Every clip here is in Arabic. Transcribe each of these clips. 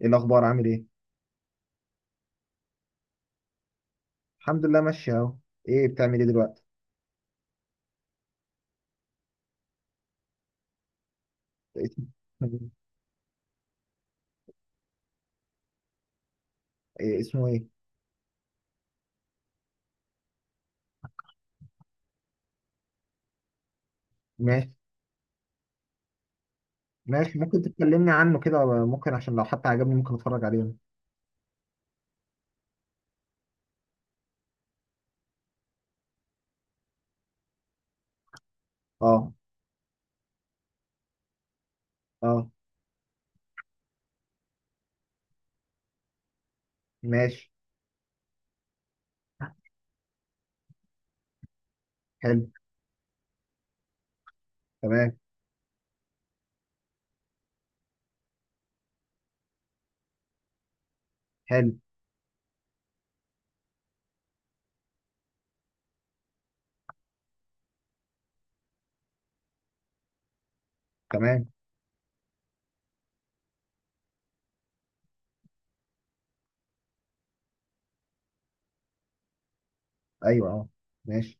ايه الاخبار؟ عامل ايه؟ الحمد لله، ماشي اهو. ايه بتعمل ايه دلوقتي؟ اسم- إيه اسمه ايه؟ ماشي. ماشي، ممكن تتكلمني عنه كده، ممكن عشان لو حتى عجبني ممكن اتفرج عليه. اه. اه. ماشي. حلو. تمام. حلو. تمام. ايوه اه. ماشي.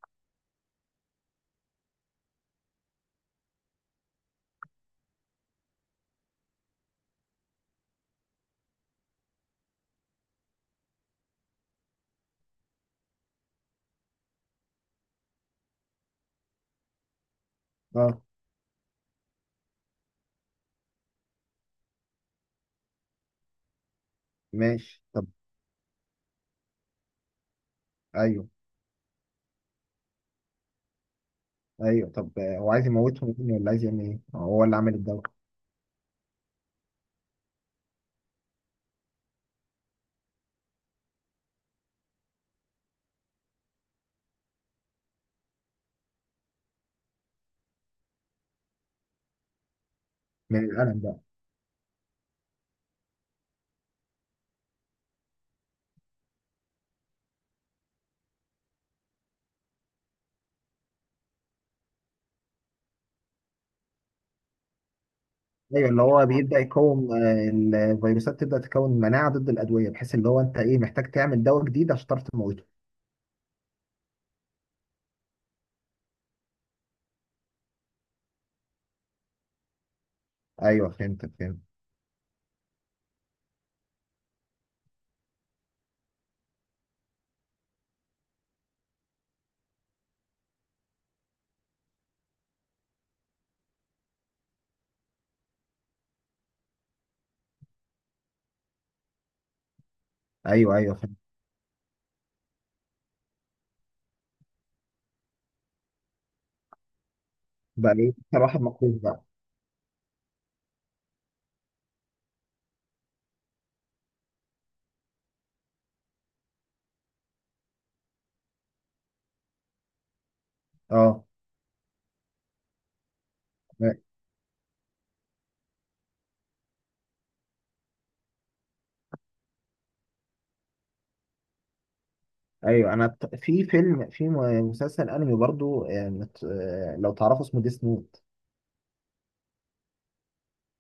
اه. ماشي طب. ايوه. ايوه طب، هو عايز يموتهم يعني ولا عايز يعمل ايه؟ هو اللي عامل الدواء. من الالم بقى؟ ايوه، اللي هو بيبدا يكون الفيروسات تبدا تكون مناعه ضد الادويه، بحيث اللي هو انت ايه محتاج تعمل دواء جديد عشان تعرف تموته. ايوه، فهمت. ايوه، فهمت. بقى ايه؟ اكتر واحد مخصوص بقى. اه. ايوه، في فيلم، في مسلسل انمي برضو، لو تعرفه اسمه ديس نوت.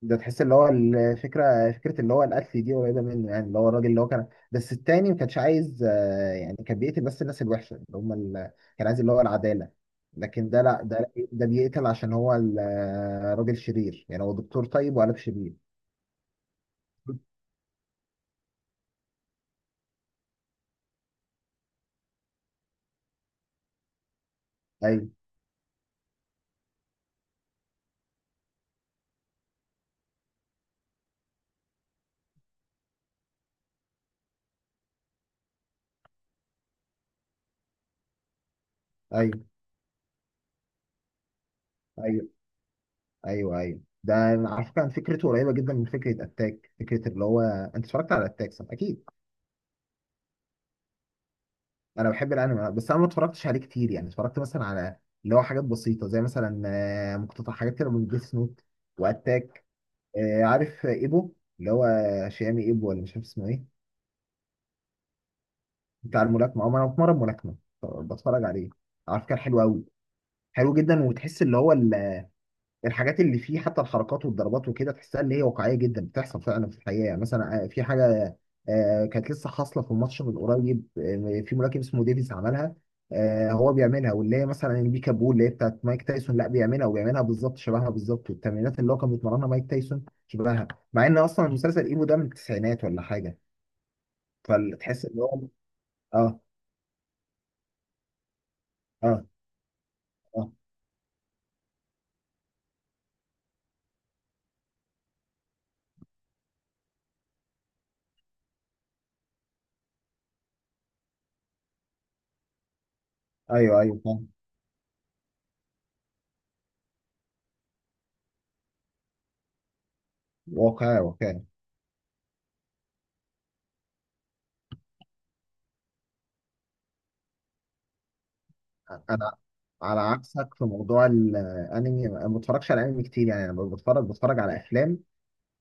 ده تحس اللي هو الفكره، فكره اللي هو القتل دي قريبه منه، يعني اللي هو الراجل اللي هو كان، بس التاني ما كانش عايز، يعني كان بيقتل بس الناس الوحشه اللي هم ال... كان عايز اللي هو العداله. لكن ده لا، ده ده بيقتل عشان هو راجل شرير، يعني هو دكتور طيب وقلب شرير. ايوه. ايوه. ايوه ايوه. ده على فكره فكرته قريبه جدا من فكره اتاك، فكره اللي هو انت اتفرجت على اتاك صح؟ اكيد انا بحب الانمي، بس انا ما اتفرجتش عليه كتير، يعني اتفرجت مثلا على اللي هو حاجات بسيطه زي مثلا مقتطع حاجات كده من ديس نوت واتاك. عارف ايبو؟ اللي هو شيامي ايبو ولا مش عارف اسمه ايه. بتاع الملاكمه، او انا بتمرن ملاكمه، بتفرج عليه، على فكره حلو قوي. حلو جدا، وتحس اللي هو الحاجات اللي فيه حتى الحركات والضربات وكده، تحسها اللي هي واقعيه جدا، بتحصل فعلا في الحقيقه، يعني مثلا في حاجه كانت لسه حاصله في ماتش من قريب، في ملاكم اسمه ديفيز عملها. هو بيعملها، واللي هي مثلا البيكا بول اللي هي بتاعت مايك تايسون، لا بيعملها، وبيعملها بالظبط شبهها بالظبط، والتمرينات اللي هو كان بيتمرنها مايك تايسون شبهها، مع ان اصلا المسلسل ايبو ده من التسعينات ولا حاجه. فتحس ان هو. اه. اه. اه. ايوه، فاهم. واقعي. انا على عكسك في موضوع الانمي، أنا ما بتفرجش على انمي كتير، يعني انا بتفرج على افلام.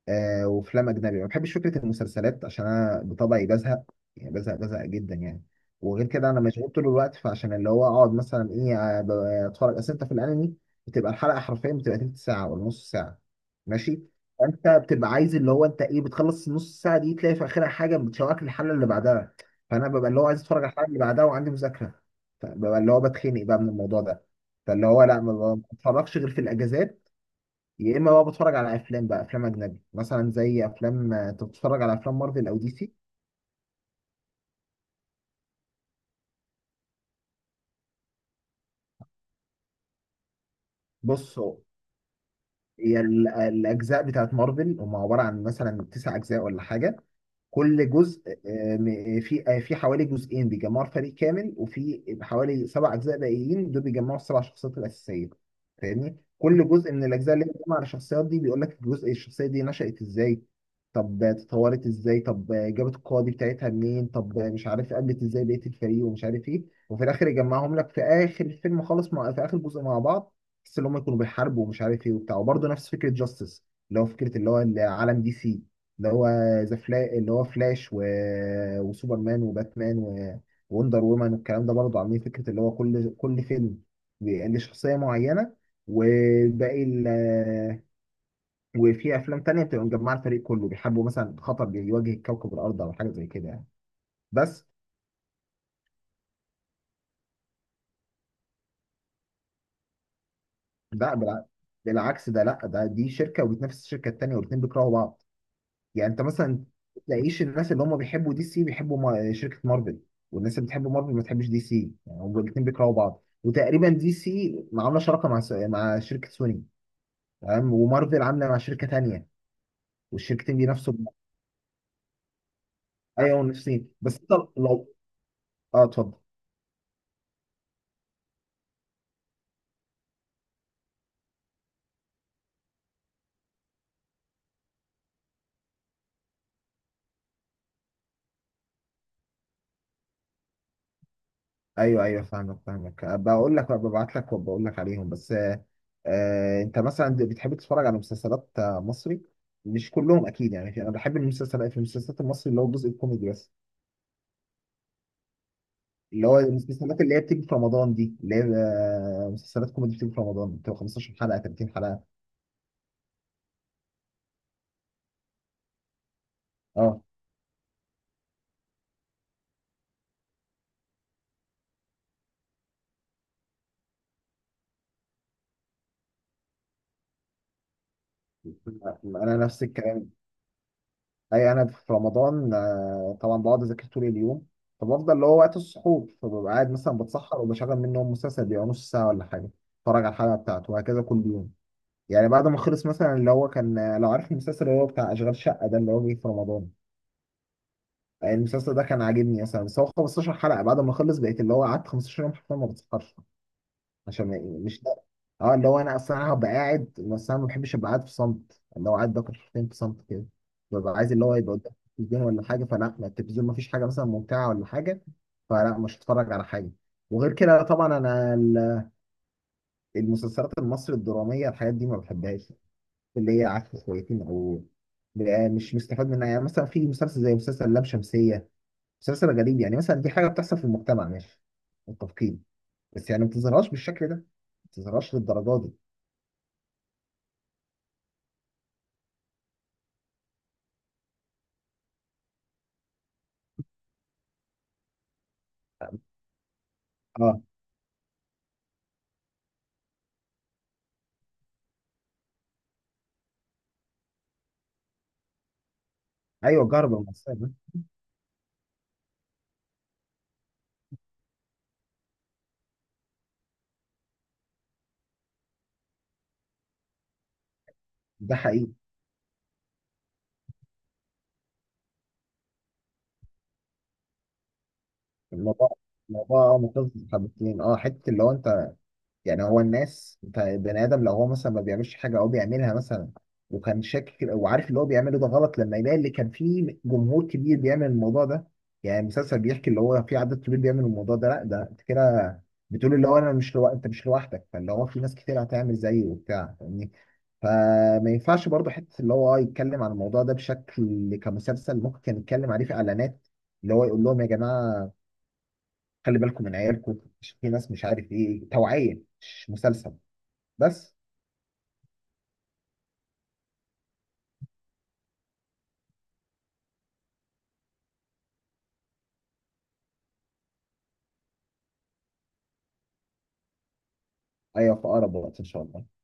آه، وافلام اجنبي. ما بحبش فكره المسلسلات عشان انا بطبعي بزهق، يعني بزهق جدا يعني. وغير كده انا مشغول طول الوقت، فعشان اللي هو اقعد مثلا ايه، اتفرج، اصل انت في الانمي بتبقى الحلقه حرفيا، بتبقى تلت ساعه ولا نص ساعه. ماشي. انت بتبقى عايز اللي هو انت ايه، بتخلص النص ساعه دي تلاقي في اخرها حاجه بتشوقك للحلقه اللي بعدها، فانا ببقى اللي هو عايز اتفرج على الحلقه اللي بعدها وعندي مذاكره، فببقى اللي هو بتخنق بقى من الموضوع ده. فاللي هو لا، ما بتفرجش غير في الاجازات. يا اما بقى بتفرج على افلام، بقى افلام اجنبي مثلا زي افلام. أنت بتتفرج على افلام مارفل او دي سي؟ بص، هي الاجزاء بتاعت مارفل هم عباره عن مثلا تسع اجزاء ولا حاجه. كل جزء، في، في حوالي جزئين بيجمعوا الفريق كامل، وفي حوالي سبع اجزاء باقيين دول بيجمعوا السبع شخصيات الاساسيه. فاهمني، كل جزء من الاجزاء اللي بتجمع الشخصيات دي بيقول لك الجزء الشخصيه دي نشأت ازاي، طب اتطورت ازاي، طب جابت القوه دي بتاعتها منين، طب مش عارف قابلت ازاي بقيه الفريق، ومش عارف ايه، وفي الاخر يجمعهم لك في اخر الفيلم خالص، مع في اخر جزء مع بعض. بس اللي هم يكونوا بيحاربوا ومش عارف ايه وبتاع. وبرضه نفس فكره جاستس، اللي هو فكره اللي هو العالم دي سي، اللي هو ذا فلا اللي هو فلاش و... وسوبرمان وباتمان و... ووندر وومن والكلام ده، برضه عاملين فكره اللي هو كل فيلم بيبقى ليه شخصيه معينه وباقي ال... وفي افلام تانية بتبقى مجمعه الفريق كله، بيحاربوا مثلا خطر بيواجه كوكب الارض او حاجه زي كده يعني. بس لا بالعكس، ده لا، ده دي شركه وبتنافس الشركه التانية والاثنين بيكرهوا بعض. يعني انت مثلا تلاقيش الناس اللي هم بيحبوا دي سي بيحبوا شركة مارفل، والناس اللي بتحب مارفل ما تحبش دي سي، يعني هم الاثنين بيكرهوا بعض، وتقريبا دي سي عاملة شراكة مع مع شركة سوني. تمام، ومارفل عاملة مع شركة تانية، والشركتين بينافسوا بعض. ايوه نفسين. بس انت لو. اه، اتفضل. ايوه، فاهمك، بقول لك ببعت لك وبقول لك عليهم. بس آه. انت مثلا بتحب تتفرج على مسلسلات مصري؟ مش كلهم اكيد، يعني انا بحب المسلسلات، في المسلسلات المصري اللي هو الجزء الكوميدي بس، اللي هو المسلسلات اللي هي بتيجي في رمضان دي، اللي هي مسلسلات كوميدي بتيجي في رمضان، بتبقى 15 حلقة 30 حلقة. اه. انا نفس الكلام. اي انا في رمضان، طبعا بقعد اذاكر طول اليوم، فبفضل اللي هو وقت السحور، فببقى قاعد مثلا بتسحر وبشغل منهم مسلسل بيبقى نص ساعة ولا حاجة، اتفرج على الحلقة بتاعته، وهكذا كل يوم. يعني بعد ما خلص مثلا اللي هو كان، لو عارف المسلسل اللي هو بتاع اشغال شقة ده اللي هو جه في رمضان، المسلسل ده كان عاجبني مثلا، بس هو 15 حلقة، بعد ما خلص بقيت اللي هو قعدت 15 يوم حرفيا ما بتسحرش، عشان يعني مش ده. اه، اللي هو انا اصلا انا هبقى قاعد، بس انا ما بحبش ابقى قاعد في صمت، اللي هو قاعد باكل حاجتين في صمت كده، ببقى عايز اللي هو يبقى قدام التلفزيون ولا حاجه، فلا، ما التلفزيون ما فيش حاجه مثلا ممتعه ولا حاجه، فلا مش هتفرج على حاجه. وغير كده طبعا انا المسلسلات المصري الدراميه الحاجات دي ما بحبهاش، اللي هي عكس شويتين، او بقى مش مستفاد منها، يعني مثلا في مسلسل زي مسلسل لام شمسيه، مسلسل غريب، يعني مثلا دي حاجه بتحصل في المجتمع، ماشي، متفقين، بس يعني ما تظهرهاش بالشكل ده، ما تظهرهاش للدرجه دي. اه، ايوه جرب المصايب ده. ده حقيقي. الموضوع، الموضوع اه مخيف حبتين، اه حته اللي هو انت، يعني هو الناس، بني ادم لو هو مثلا ما بيعملش حاجه او بيعملها مثلا وكان شاكك وعارف اللي هو بيعمله ده غلط، لما يلاقي اللي كان فيه جمهور كبير بيعمل الموضوع ده، يعني المسلسل بيحكي اللي هو في عدد كبير بيعمل الموضوع ده، لا ده انت كده بتقول اللي هو انا مش لو... انت مش لوحدك، فاللي هو في ناس كتير هتعمل زيه وبتاع، فاهمني، فما ينفعش برضه حته اللي هو يتكلم عن الموضوع ده بشكل كمسلسل، ممكن كان يتكلم عليه في اعلانات، اللي هو يقول لهم يا جماعه خلي بالكم من عيالكم، عشان في ناس مش عارف ايه، توعيه مش مسلسل بس. ايوه، في اقرب وقت ان شاء الله.